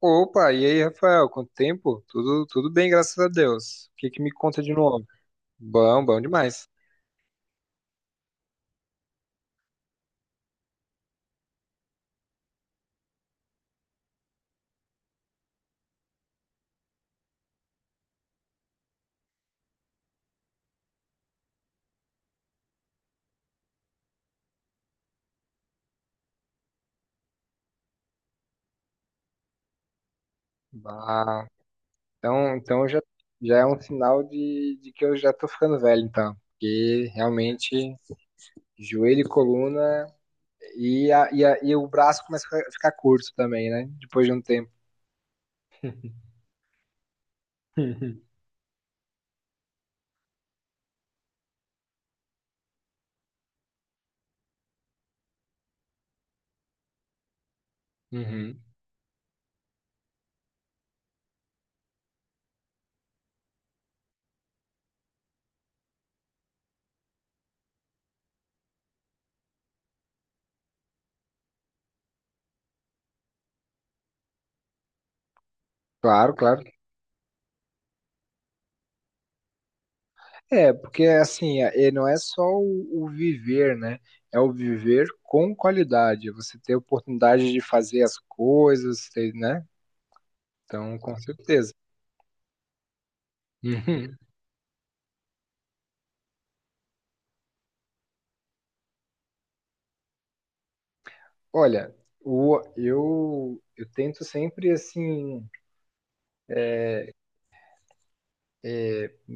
Opa, e aí, Rafael? Quanto tempo? Tudo bem, graças a Deus. O que que me conta de novo? Bom demais. Ah, então, então já, já é um sinal de que eu já tô ficando velho, então. Porque realmente, joelho e coluna e o braço começa a ficar curto também, né? Depois de um tempo. Uhum. Claro, claro. É, porque assim, não é só o viver, né? É o viver com qualidade. É você ter oportunidade de fazer as coisas, ter, né? Então, com certeza. Uhum. Olha, eu tento sempre, assim,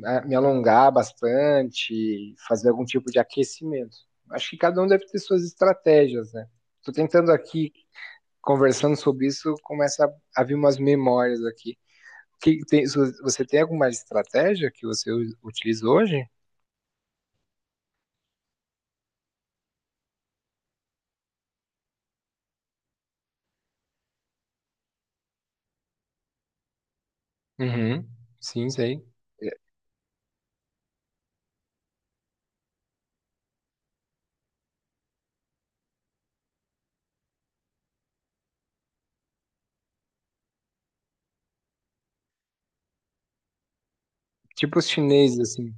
me alongar bastante, fazer algum tipo de aquecimento. Acho que cada um deve ter suas estratégias, né? Tô tentando aqui, conversando sobre isso, começa a vir umas memórias aqui. Se você tem alguma estratégia que você utiliza hoje? Uhum. Sim, sei. É, tipo os chineses, assim.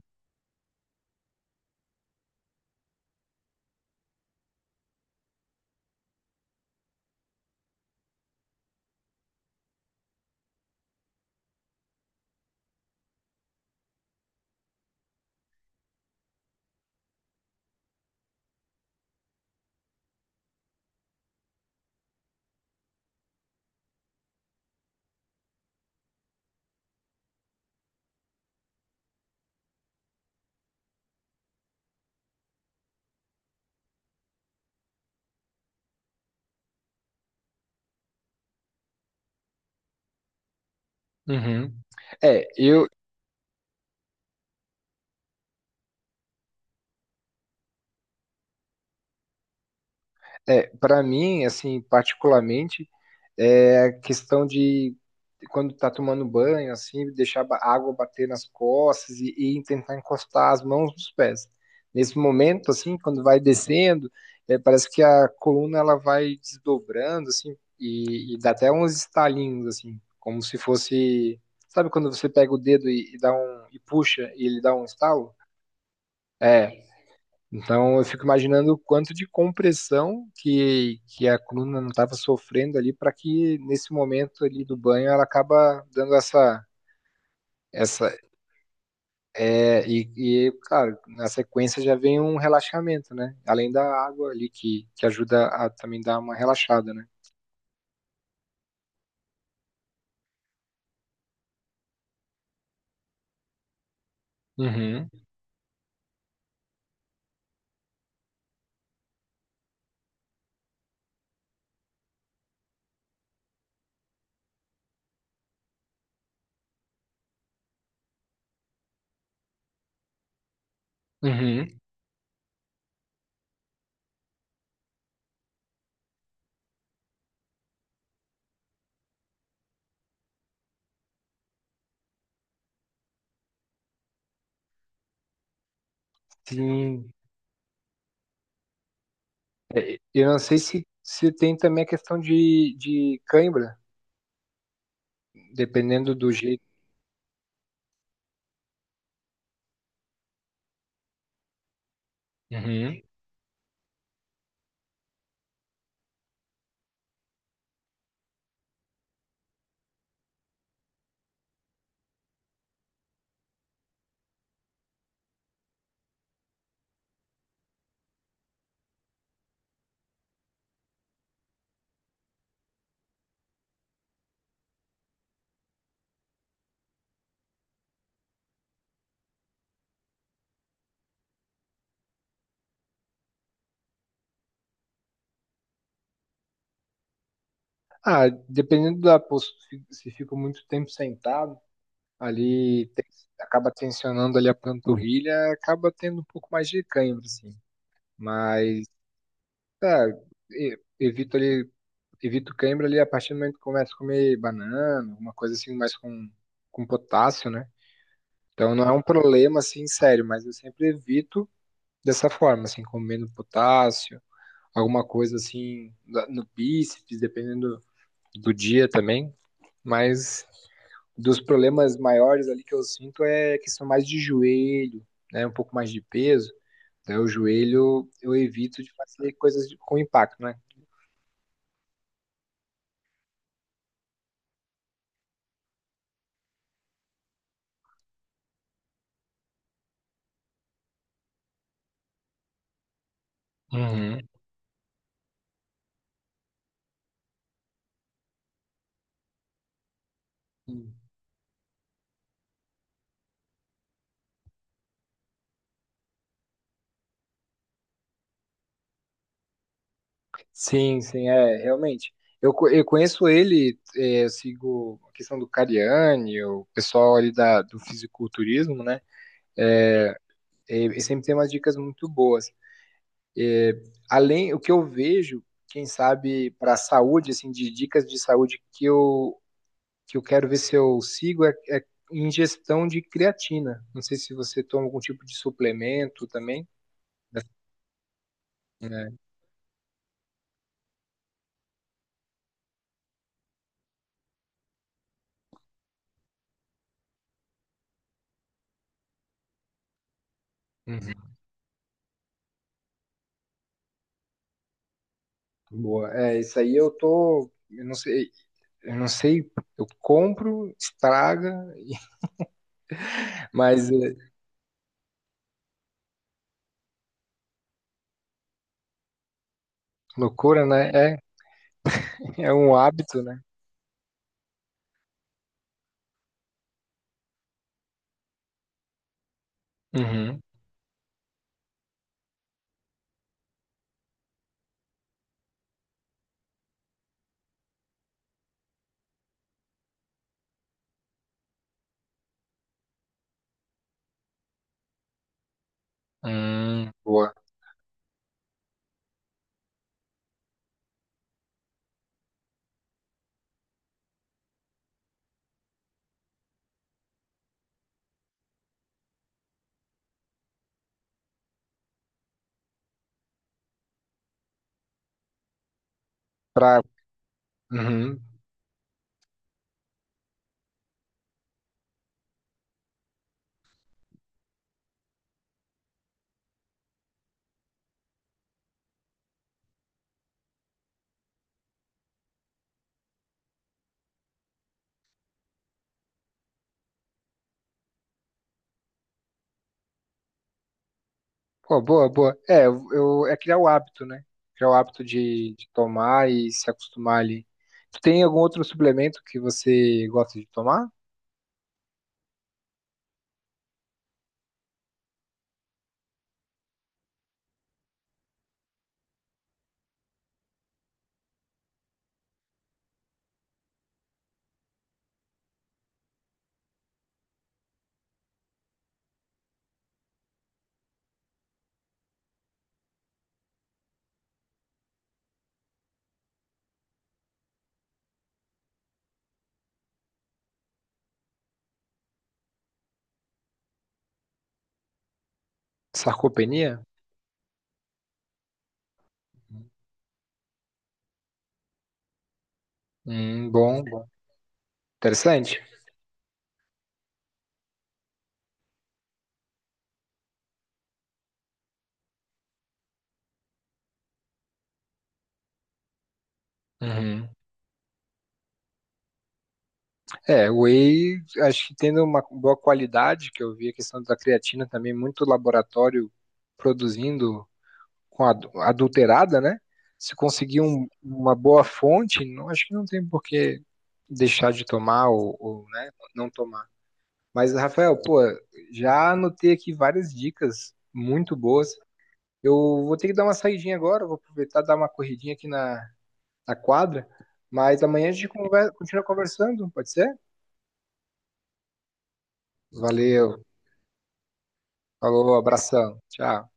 Uhum. É, eu, É, para mim, assim, particularmente, é a questão de quando tá tomando banho, assim, deixar a água bater nas costas e tentar encostar as mãos nos pés. Nesse momento, assim, quando vai descendo, é, parece que a coluna ela vai desdobrando, assim, e dá até uns estalinhos, assim, como se fosse, sabe quando você pega o dedo e dá um e puxa e ele dá um estalo? É, então, eu fico imaginando o quanto de compressão que a coluna não estava sofrendo ali para que nesse momento ali do banho ela acaba dando essa essa é, e claro, na sequência já vem um relaxamento, né? Além da água ali que ajuda a também dar uma relaxada, né? Uhum, uhum. Sim. Eu não sei se tem também a questão de cãibra, dependendo do jeito. Uhum. Ah, dependendo da postura, se fico muito tempo sentado, ali acaba tensionando ali a panturrilha, acaba tendo um pouco mais de cãibra, assim. Mas, tá, evito ali, evito cãibra ali a partir do momento que começo a comer banana, alguma coisa assim, mais com potássio, né? Então não é um problema, assim, sério, mas eu sempre evito dessa forma, assim, comendo potássio, alguma coisa assim, no bíceps, dependendo do dia também. Mas dos problemas maiores ali que eu sinto é questão mais de joelho, né? Um pouco mais de peso. Daí o joelho eu evito de fazer coisas com impacto, né? Uhum. Sim, sim, é, realmente. Eu conheço ele, é, eu sigo a questão do Cariani, o pessoal ali do fisiculturismo, né? É, ele sempre tem umas dicas muito boas. É, além, o que eu vejo, quem sabe, para a saúde, assim, de dicas de saúde que eu quero ver se eu sigo é ingestão de creatina. Não sei se você toma algum tipo de suplemento também. Né? Uhum. Boa. É, isso aí eu tô. Eu não sei, eu compro, estraga, mas é loucura, né? É, é um hábito, né? Uhum. Boa. Pra, uhum. Pô, boa, boa. É, é criar o hábito, né? Criar o hábito de tomar e se acostumar ali. Tu tem algum outro suplemento que você gosta de tomar? Sarcopenia? Bom, bom. Interessante. Uhum. É, o whey, acho que tendo uma boa qualidade, que eu vi a questão da creatina também, muito laboratório produzindo com adulterada, né? Se conseguir uma boa fonte, não, acho que não tem por que deixar de tomar né, não tomar. Mas, Rafael, pô, já anotei aqui várias dicas muito boas. Eu vou ter que dar uma saidinha agora, vou aproveitar e dar uma corridinha aqui na quadra. Mas amanhã a gente continua conversando, pode ser? Valeu, falou, abração, tchau.